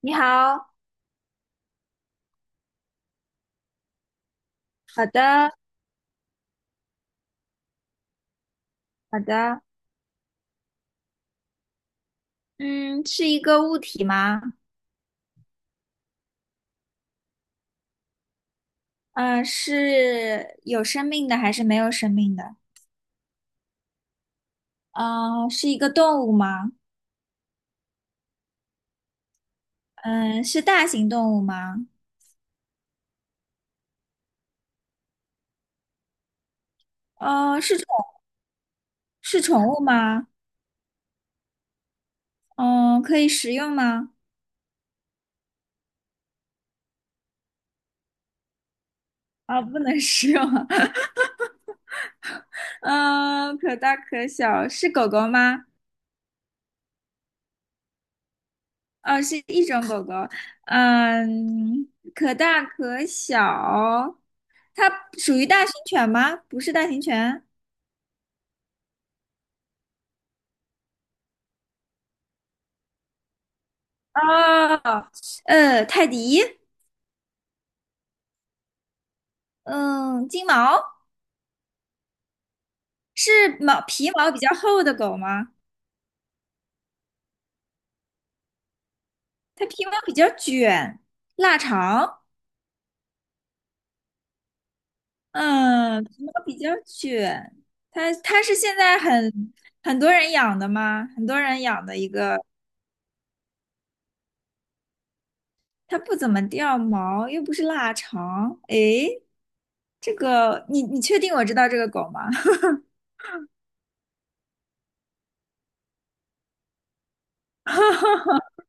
你好，好的，好的，嗯，是一个物体吗？嗯、是有生命的还是没有生命的？嗯、是一个动物吗？嗯、是大型动物吗？呃，是宠是宠物吗？嗯、可以食用吗？啊、不能食用。嗯、可大可小，是狗狗吗？哦、是一种狗狗。嗯、可大可小，它属于大型犬吗？不是大型犬。哦，泰迪，嗯，金毛是皮毛比较厚的狗吗？它皮毛比较卷，腊肠，嗯，皮毛比较卷。它是现在很多人养的吗？很多人养的一个，它不怎么掉毛，又不是腊肠。诶，这个你确定我知道这个狗吗？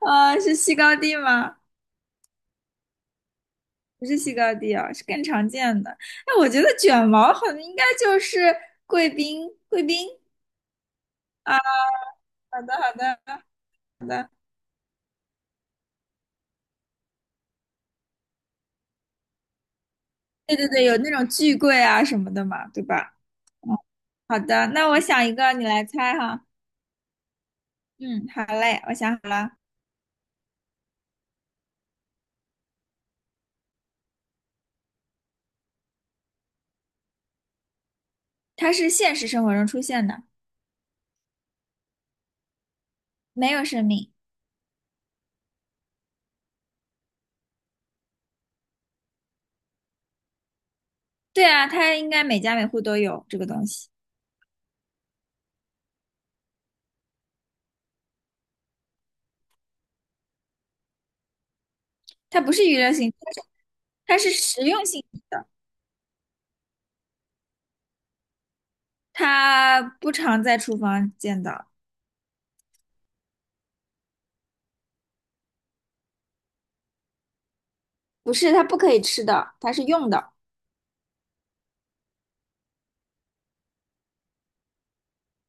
啊，是西高地吗？不是西高地啊，是更常见的。哎，我觉得卷毛好像应该就是贵宾，贵宾啊。好的，好的。对对对，有那种巨贵啊什么的嘛，对吧？嗯，好的，那我想一个，你来猜哈。嗯，好嘞，我想好了，它是现实生活中出现的，没有生命。对啊，它应该每家每户都有这个东西。它不是娱乐性质，它是实用性质的，它不常在厨房见到。不是，它不可以吃的，它是用的。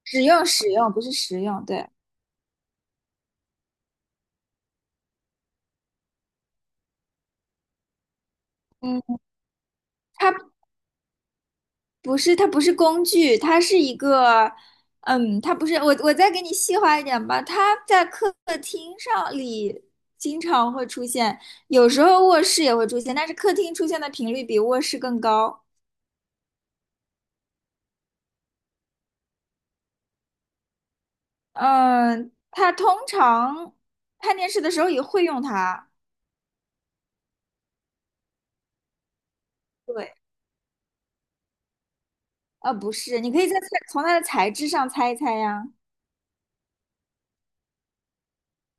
使用使用不是实用，对，嗯，它它不是工具，它是一个，嗯，它不是我再给你细化一点吧，它在客厅上里经常会出现，有时候卧室也会出现，但是客厅出现的频率比卧室更高，嗯，它通常看电视的时候也会用它，对，啊，不是，你可以从它的材质上猜一猜呀，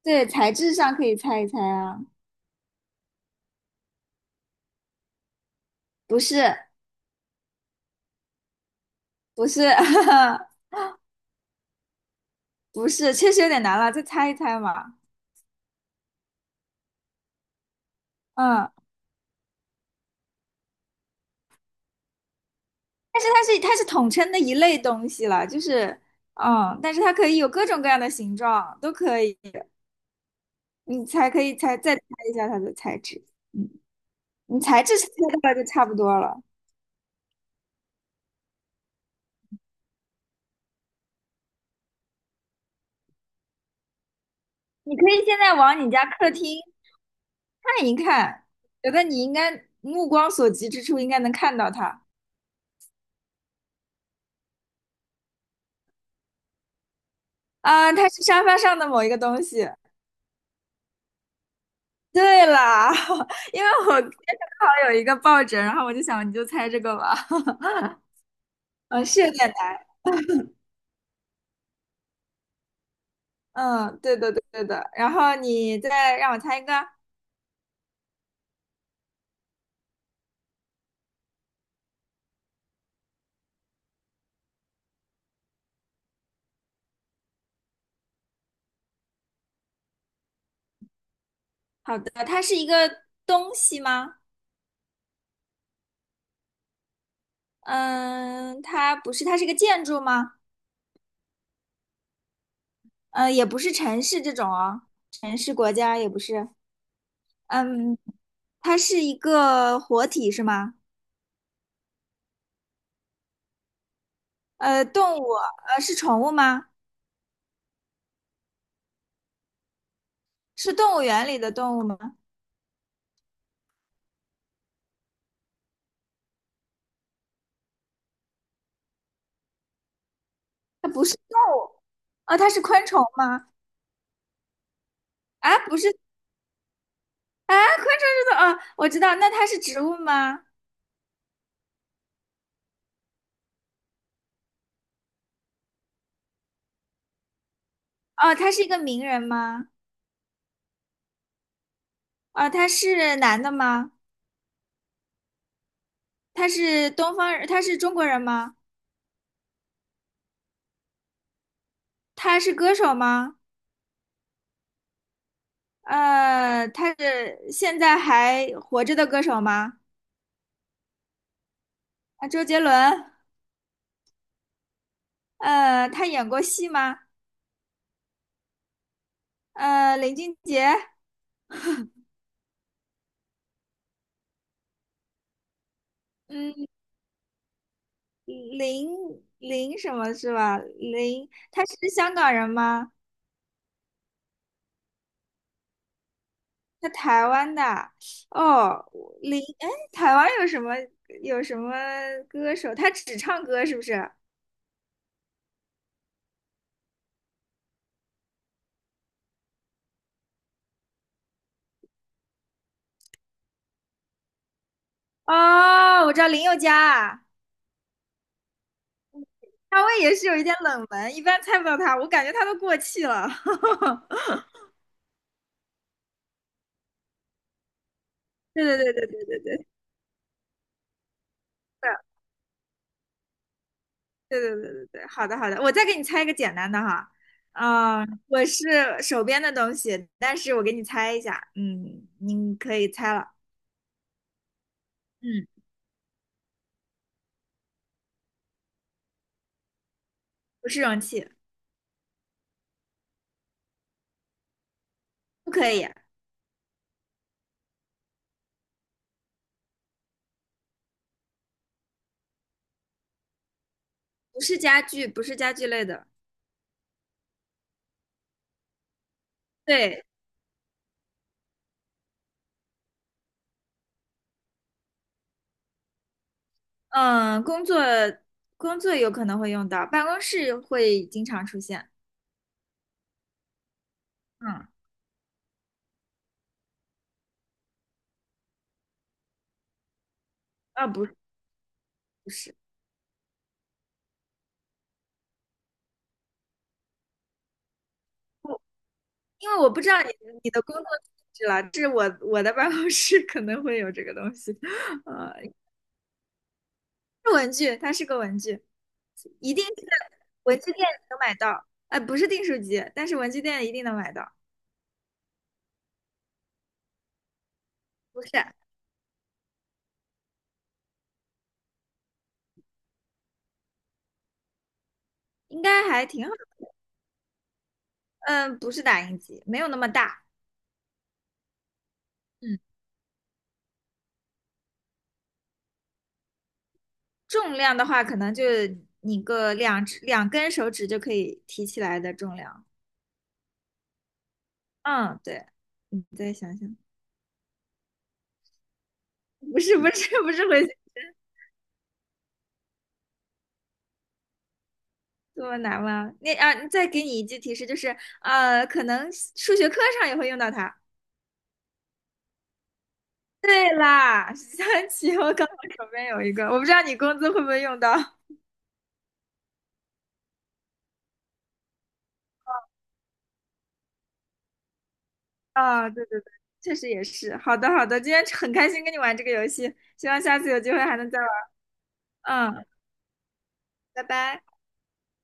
对，材质上可以猜一猜啊，不是不是。不是，确实有点难了，再猜一猜嘛。嗯，但是它是统称的一类东西了，就是嗯，但是它可以有各种各样的形状，都可以。你才可以再猜一下它的材质。嗯，你材质猜到了就差不多了。你可以现在往你家客厅看一看，觉得你应该目光所及之处应该能看到它。啊，它是沙发上的某一个东西。对啦，因为我今天正好有一个抱枕，然后我就想你就猜这个吧。嗯，是有点难。嗯，对的，对对的。然后你再让我猜一个。好的，它是一个东西吗？嗯，它不是，它是个建筑吗？嗯，也不是城市这种啊，城市国家也不是。嗯，它是一个活体是吗？动物，是宠物吗？是动物园里的动物吗？它不是动物，哦，它是昆虫吗？啊，不是，啊，昆虫是动，哦，我知道，那它是植物吗？哦，它是一个名人吗？啊，他是男的吗？他是东方人，他是中国人吗？他是歌手吗？他是现在还活着的歌手吗？啊，周杰伦。他演过戏吗？林俊杰。嗯，林什么是吧？林，他是香港人吗？他台湾的。哦，林，哎，台湾有什么有什么歌手？他只唱歌是不是？哦，我知道林宥嘉啊。夏威也是有一点冷门，一般猜不到它，我感觉它都过气了。对对对对对对对对对对，好的好的，我再给你猜一个简单的哈，嗯、我是手边的东西，但是我给你猜一下，嗯，你可以猜了，嗯，不是容器，不可以，不是家具，不是家具类的，对，嗯，工作有可能会用到，办公室会经常出现，嗯，啊，不是不是。因为我不知道你的工作性质了，这是我的办公室可能会有这个东西，呃，是文具，它是个文具，一定是文具店能买到，不是订书机，但是文具店一定能买到，不是，应该还挺好，嗯、不是打印机，没有那么大，嗯，重量的话可能就你个两根手指就可以提起来的重量，嗯，对，你再想想，不是不是不是回形。这么难吗？那啊，再给你一句提示，就是可能数学课上也会用到它。对啦，象棋，我刚好手边有一个，我不知道你工资会不会用到。啊、对对对，确实也是。好的好的，今天很开心跟你玩这个游戏，希望下次有机会还能再玩。嗯，拜拜。